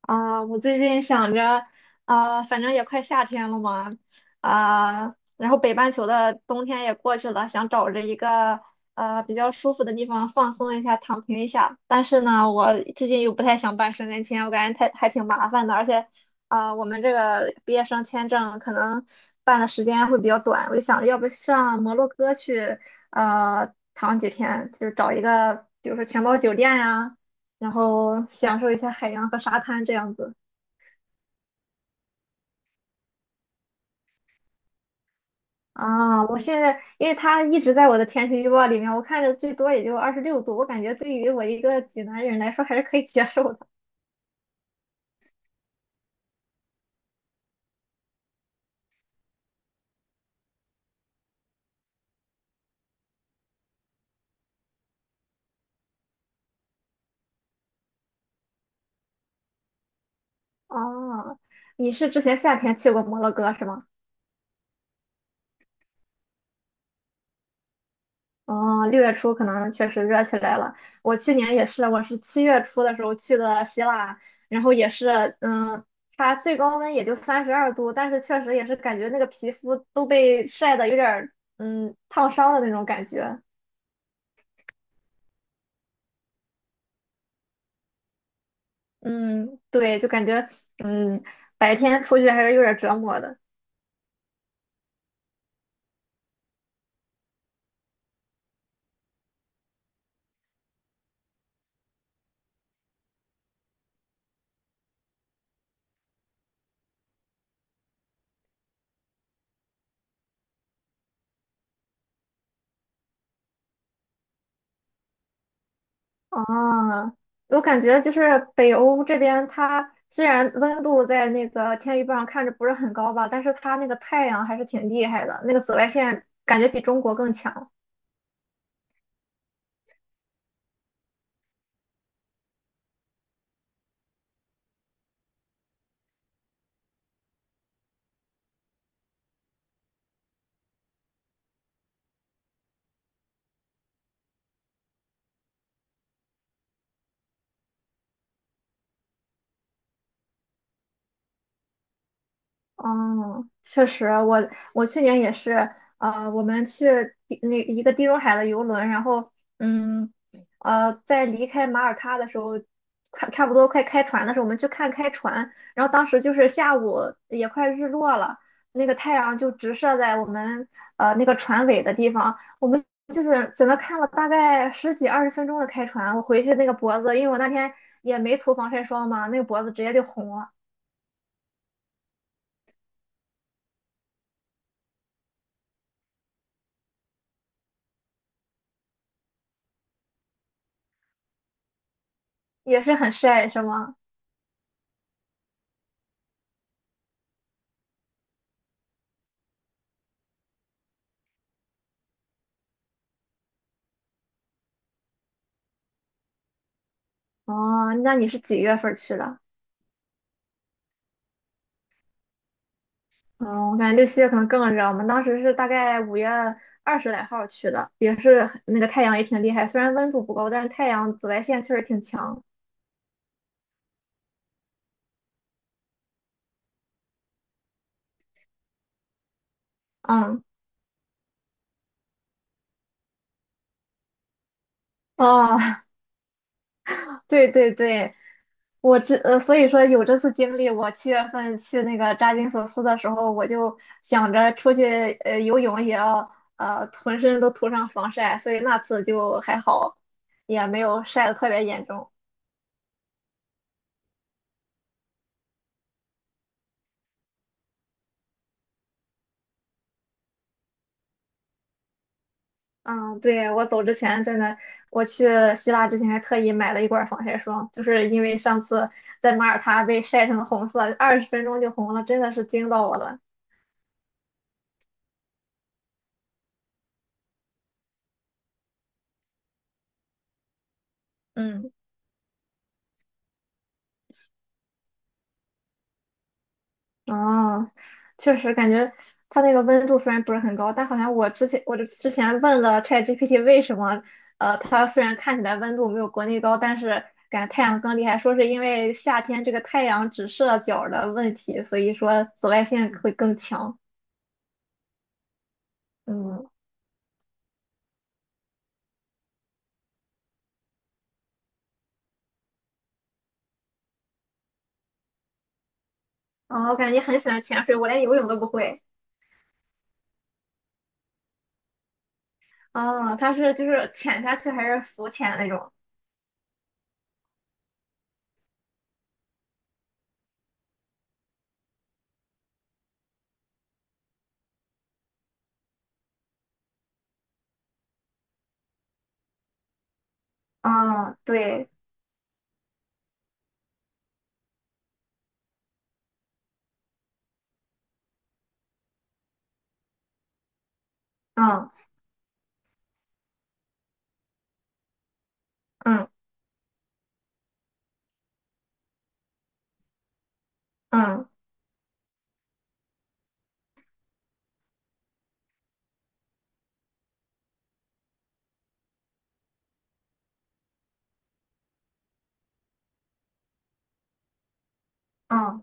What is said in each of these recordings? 啊，我最近想着，啊，反正也快夏天了嘛，啊，然后北半球的冬天也过去了，想找着一个比较舒服的地方放松一下，躺平一下。但是呢，我最近又不太想办申根签，我感觉太还挺麻烦的，而且，啊，我们这个毕业生签证可能办的时间会比较短，我就想着要不上摩洛哥去，躺几天，就是找一个，比如说全包酒店呀。然后享受一下海洋和沙滩这样子啊。我现在因为它一直在我的天气预报里面，我看着最多也就26度，我感觉对于我一个济南人来说还是可以接受的啊。你是之前夏天去过摩洛哥是吗？哦，6月初可能确实热起来了。我去年也是，我是7月初的时候去的希腊，然后也是，它最高温也就32度，但是确实也是感觉那个皮肤都被晒得有点儿，烫伤的那种感觉。嗯，对，就感觉嗯，白天出去还是有点折磨的。啊，我感觉就是北欧这边，它虽然温度在那个天气预报上看着不是很高吧，但是它那个太阳还是挺厉害的，那个紫外线感觉比中国更强。嗯，确实，我去年也是，我们去地那一个地中海的游轮，然后，嗯，在离开马耳他的时候，快差不多快开船的时候，我们去看开船，然后当时就是下午也快日落了，那个太阳就直射在我们那个船尾的地方，我们就是在那看了大概十几二十分钟的开船，我回去那个脖子，因为我那天也没涂防晒霜嘛，那个脖子直接就红了，也是很晒，是吗？哦，那你是几月份儿去的？嗯，我感觉六七月可能更热。我们当时是大概5月二十来号儿去的，也是很那个太阳也挺厉害，虽然温度不高，但是太阳紫外线确实挺强。嗯，哦，对对对，所以说有这次经历，我7月份去那个扎金索斯的时候，我就想着出去游泳也要浑身都涂上防晒，所以那次就还好，也没有晒得特别严重。嗯，对，我走之前真的，我去希腊之前还特意买了一罐防晒霜，就是因为上次在马耳他被晒成红色，二十分钟就红了，真的是惊到我了。嗯，哦，确实感觉它那个温度虽然不是很高，但好像我之前问了 ChatGPT 为什么，它虽然看起来温度没有国内高，但是感觉太阳更厉害，说是因为夏天这个太阳直射角儿的问题，所以说紫外线会更强。嗯。哦，我感觉很喜欢潜水，我连游泳都不会。哦，它是就是潜下去还是浮潜那种？哦，对，嗯嗯嗯嗯，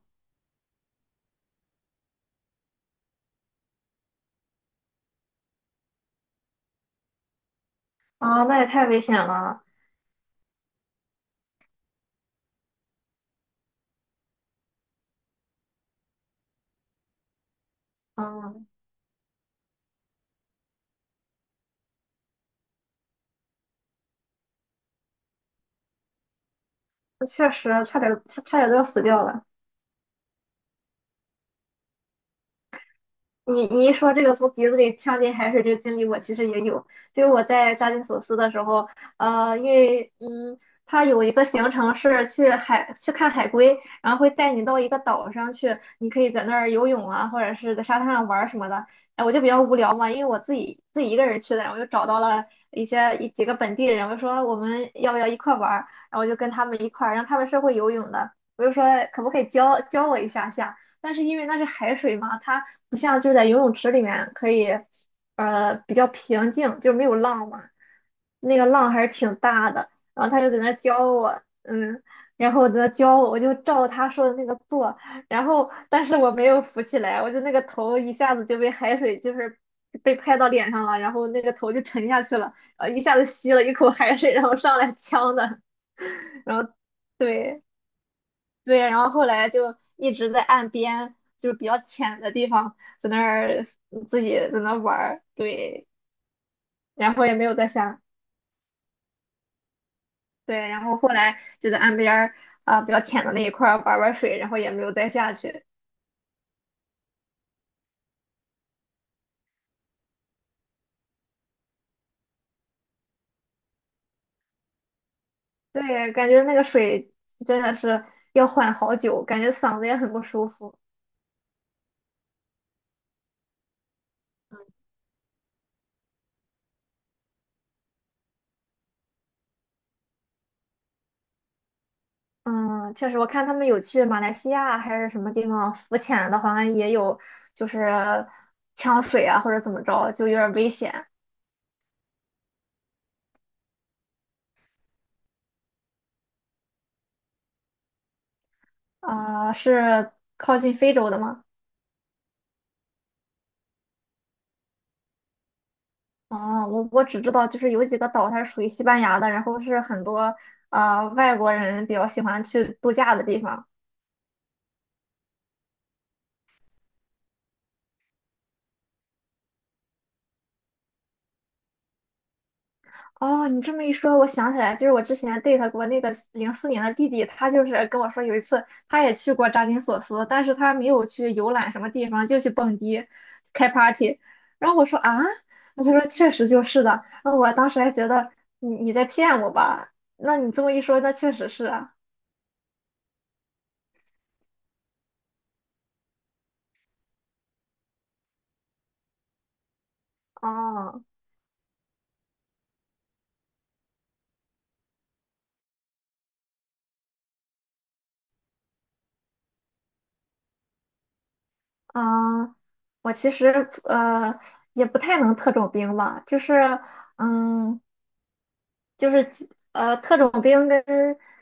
哦，那也太危险了。嗯，确实差点都要死掉了。你一说这个从鼻子里呛进海水这个经历，我其实也有。就是我在扎金索斯的时候，因为。有一个行程是去海去看海龟，然后会带你到一个岛上去，你可以在那儿游泳啊，或者是在沙滩上玩儿什么的。哎，我就比较无聊嘛，因为我自己一个人去的，然后我就找到了一些一几个本地人，我就说我们要不要一块儿玩儿，然后就跟他们一块儿，然后他们是会游泳的，我就说可不可以教教我一下下，但是因为那是海水嘛，它不像就是在游泳池里面可以，比较平静，就没有浪嘛。那个浪还是挺大的，然后他就在那儿教我，然后在那教我，我就照他说的那个做，然后但是我没有浮起来，我就那个头一下子就被海水就是被拍到脸上了，然后那个头就沉下去了，一下子吸了一口海水，然后上来呛的，然后对对，然后后来就一直在岸边，就是比较浅的地方，在那儿自己在那玩儿，对，然后也没有再下。对，然后后来就在岸边儿啊、比较浅的那一块儿玩玩水，然后也没有再下去。对，感觉那个水真的是要缓好久，感觉嗓子也很不舒服。嗯，确实，我看他们有去马来西亚还是什么地方浮潜的，好像也有就是呛水啊或者怎么着，就有点危险啊、是靠近非洲的吗？哦，我只知道就是有几个岛，它是属于西班牙的，然后是很多外国人比较喜欢去度假的地方。哦，你这么一说，我想起来，就是我之前 date 过那个04年的弟弟，他就是跟我说，有一次他也去过扎金索斯，但是他没有去游览什么地方，就去蹦迪、开 party。然后我说啊，那他说确实就是的。然后我当时还觉得你在骗我吧？那你这么一说，那确实是啊。哦，嗯，我其实也不太能特种兵吧，就是嗯。就是特种兵跟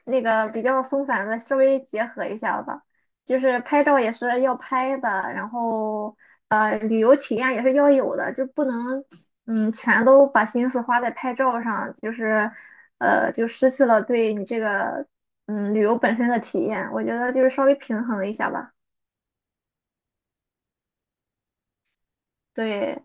那个比较松散的稍微结合一下吧，就是拍照也是要拍的，然后旅游体验也是要有的，就不能全都把心思花在拍照上，就是就失去了对你这个旅游本身的体验，我觉得就是稍微平衡一下吧。对，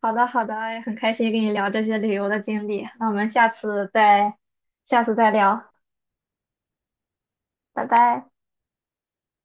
好的好的，也很开心跟你聊这些旅游的经历，那我们下次再聊，拜拜。